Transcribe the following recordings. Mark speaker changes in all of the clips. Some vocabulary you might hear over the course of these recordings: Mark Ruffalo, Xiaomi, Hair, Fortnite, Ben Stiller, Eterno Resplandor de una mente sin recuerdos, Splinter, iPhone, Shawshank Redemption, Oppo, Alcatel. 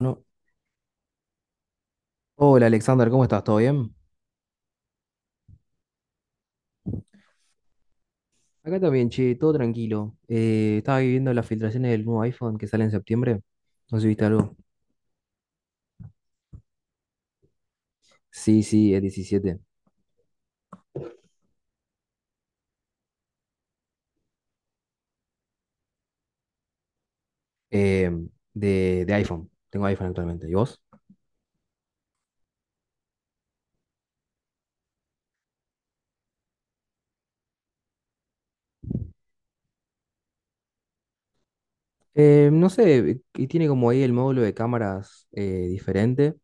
Speaker 1: No. Hola Alexander, ¿cómo estás? ¿Todo bien? Acá también, che, todo tranquilo. Estaba viviendo las filtraciones del nuevo iPhone que sale en septiembre. No sé si viste algo. Sí, sí, es 17. Eh, de iPhone. Tengo iPhone actualmente. ¿Y vos? No sé, y tiene como ahí el módulo de cámaras diferente.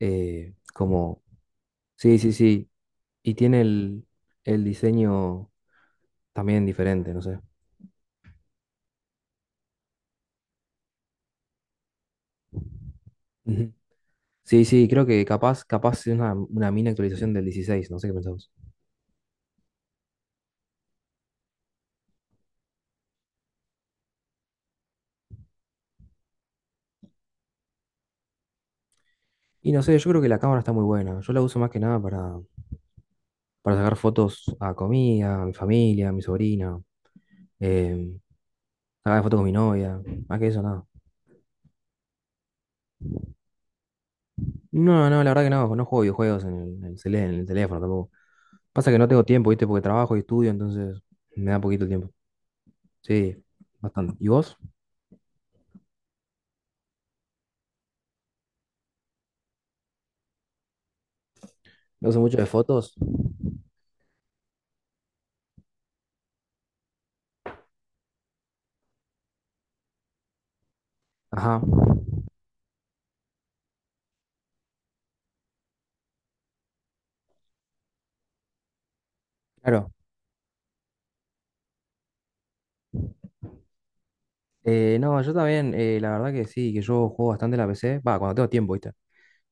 Speaker 1: eh, como, sí, sí, sí. Y tiene el diseño también diferente, no sé. Ujú. Sí, sí, creo que capaz es una mini actualización del 16. No sé qué pensás. Y no sé, yo creo que la cámara está muy buena. Yo la uso más que nada para sacar fotos a comida, a mi familia, a mi sobrina, eh, sacar fotos con mi novia, más que eso, nada. No, no, la verdad que no, no juego videojuegos en el teléfono tampoco. Pasa que no tengo tiempo, ¿viste? Porque trabajo y estudio, entonces me da poquito tiempo. Sí, bastante. ¿Y vos? ¿No sé mucho de fotos? Ajá, claro. No, yo también, la verdad que sí, que yo juego bastante en la PC. Va, cuando tengo tiempo, ¿viste?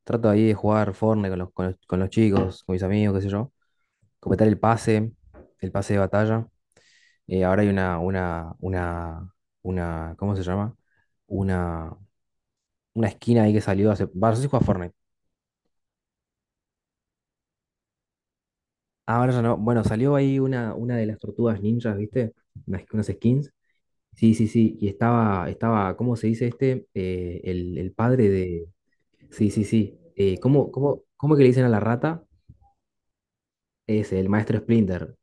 Speaker 1: Trato ahí de jugar Fortnite con los chicos, con mis amigos, qué sé yo. Completar el pase de batalla. Ahora hay una, ¿cómo se llama? Una, una esquina ahí que salió hace, va, no sé si juega Fortnite. Ah, ahora ya no. Bueno, salió ahí una de las tortugas ninjas, ¿viste? Unas skins. Sí, sí, sí. Y estaba, ¿cómo se dice este? El padre de. Sí, sí, sí. ¿Cómo que le dicen a la rata? Es el maestro Splinter.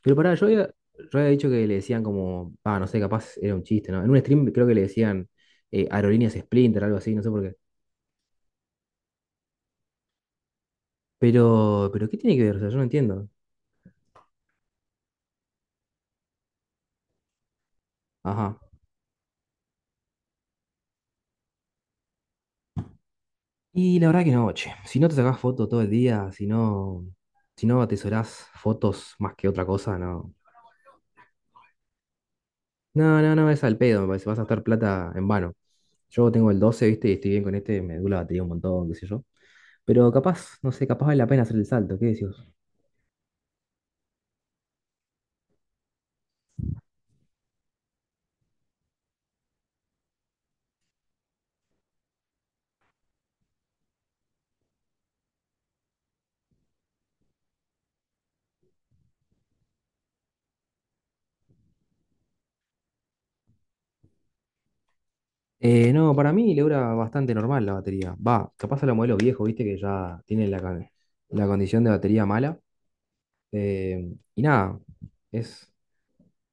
Speaker 1: Pero pará, yo había dicho que le decían como, ah, no sé, capaz era un chiste, ¿no? En un stream creo que le decían aerolíneas Splinter, algo así, no sé por qué. Pero ¿qué tiene que ver? O sea, yo no entiendo. Ajá. Y la verdad que no, che. Si no te sacás fotos todo el día, si no atesorás fotos más que otra cosa, no. No, no, no, es al pedo, me parece, vas a gastar plata en vano. Yo tengo el 12, ¿viste? Y estoy bien con este, me dura la batería un montón, qué sé yo. Pero capaz, no sé, capaz vale la pena hacer el salto, ¿qué decís? No, para mí le dura bastante normal la batería. Va, capaz a los modelos viejos, viste, que ya tienen la la condición de batería mala. Y nada, es,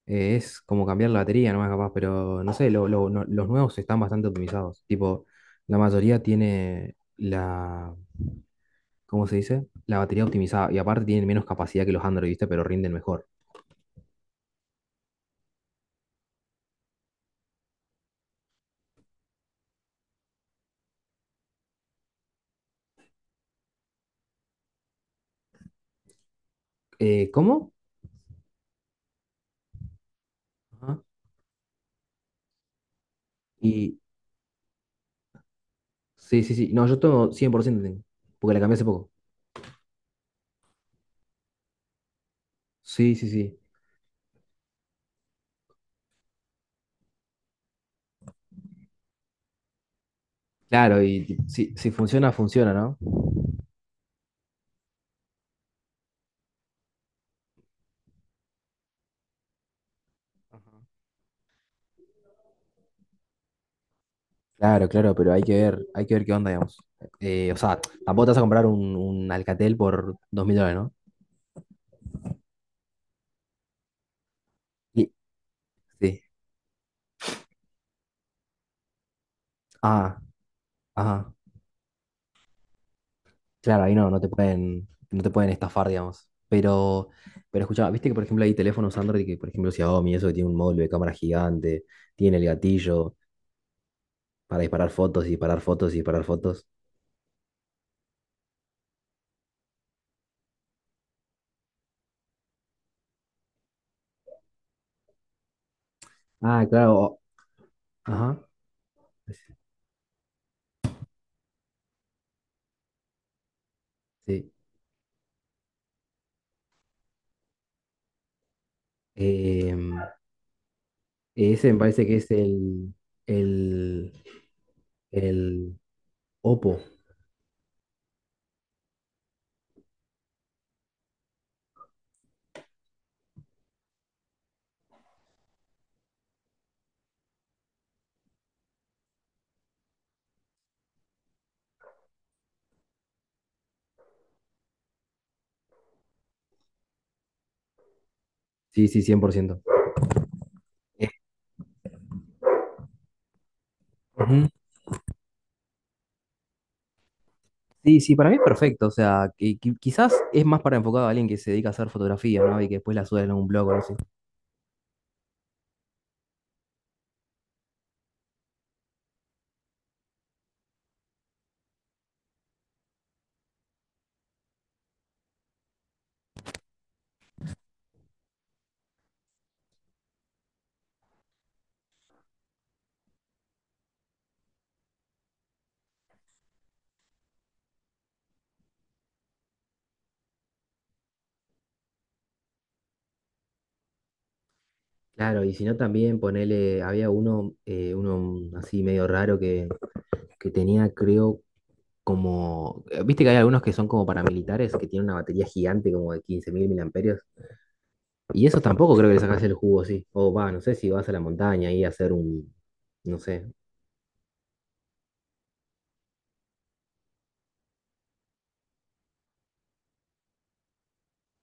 Speaker 1: es como cambiar la batería nomás capaz, pero no sé, los nuevos están bastante optimizados. Tipo, la mayoría tiene la, ¿cómo se dice? La batería optimizada. Y aparte tienen menos capacidad que los Android, viste, pero rinden mejor. ¿Cómo? Ajá. Y sí, sí, sí. No, yo tengo 100% tengo, porque la cambié hace poco. Sí, sí, sí. Claro, y si funciona, funciona, ¿no? Ajá. Claro, claro, pero hay que ver qué onda, digamos. O sea, tampoco te vas a comprar un Alcatel por $2000, ¿no? Y- sí. Ah, ajá. Claro, ahí no, no te pueden estafar, digamos. Pero escuchá, viste que por ejemplo hay teléfonos Android que, por ejemplo, Xiaomi, eso que tiene un módulo de cámara gigante, tiene el gatillo para disparar fotos y disparar fotos y disparar fotos. Ah, claro. Ajá. Sí. Sí. Ese me parece que es el, el Oppo. Sí, sí, 100%. Eh, Ujú. Sí, sí, para mí es perfecto. O sea, que, quizás es más para enfocado a alguien que se dedica a hacer fotografía, ¿no? Y que después la sube en un blog o algo así. Claro, y si no también ponele, había uno, uno así medio raro que tenía, creo, como, viste que hay algunos que son como paramilitares, que tienen una batería gigante como de 15.000 mAh. Y eso tampoco creo que le sacas el jugo, sí. O va, no sé si vas a la montaña y a hacer un, no sé.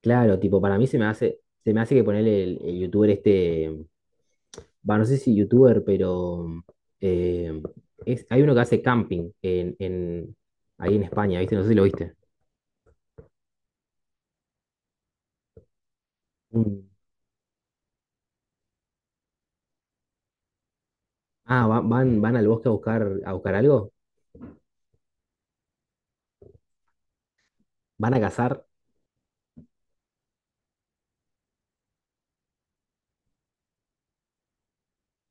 Speaker 1: Claro, tipo, para mí se me hace que ponerle el youtuber este, va, no sé si youtuber, pero eh, hay uno que hace camping ahí en España, ¿viste? No sé si lo viste. Un- van al bosque a buscar algo, van a cazar.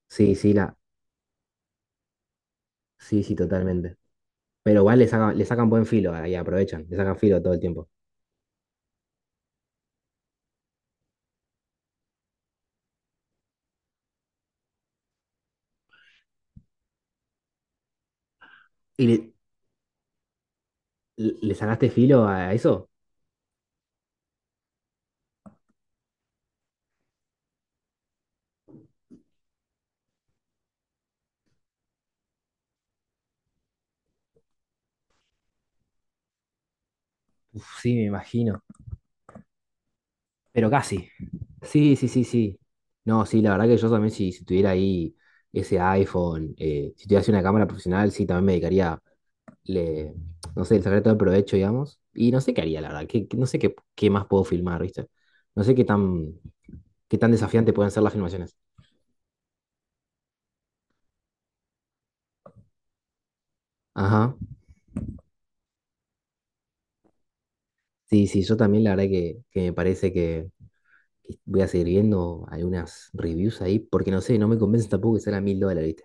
Speaker 1: Sí, sí, sí, sí, totalmente. Pero igual le sacan buen filo ahí, aprovechan, le sacan filo todo el tiempo. ¿Y le sacaste filo a eso? Uf, sí, me imagino. Pero casi. Sí, sí, sí, sí. No, sí, la verdad que yo también si tuviera ahí ese iPhone, si tuviese una cámara profesional, sí, también me dedicaría, le, no sé, el secreto de provecho, digamos. Y no sé qué haría, la verdad. No sé qué más puedo filmar, ¿viste? No sé qué tan desafiante pueden ser las filmaciones. Ajá. Sí, sí, yo también la verdad que me parece que voy a seguir viendo algunas reviews ahí, porque no sé, no me convence tampoco que sean a $1000, ¿viste?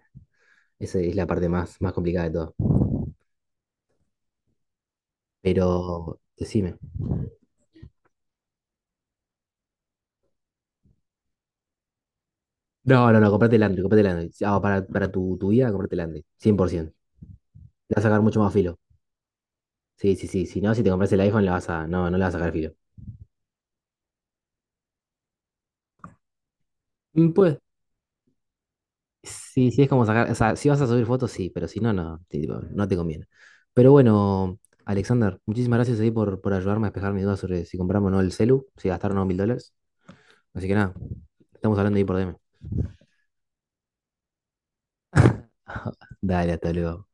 Speaker 1: Esa es la parte más complicada de todo. Pero decime. No, no, no, comprate el Android, comprate el Android. Ah, para tu vida, comprate el Android. 100%. Le vas a sacar mucho más filo. Sí, sí, sí. Si no, si te compras el iPhone, le vas a. No, no le vas a sacar filo. Pues, sí, sí, es como sacar. O sea, si vas a subir fotos, sí, pero si no, no, tipo, no te conviene. Pero bueno, Alexander, muchísimas gracias ahí por ayudarme a despejar mis dudas sobre si compramos o no el celu, si gastaron o no $1000. Así que nada, estamos hablando ahí por DM. Dale, hasta luego.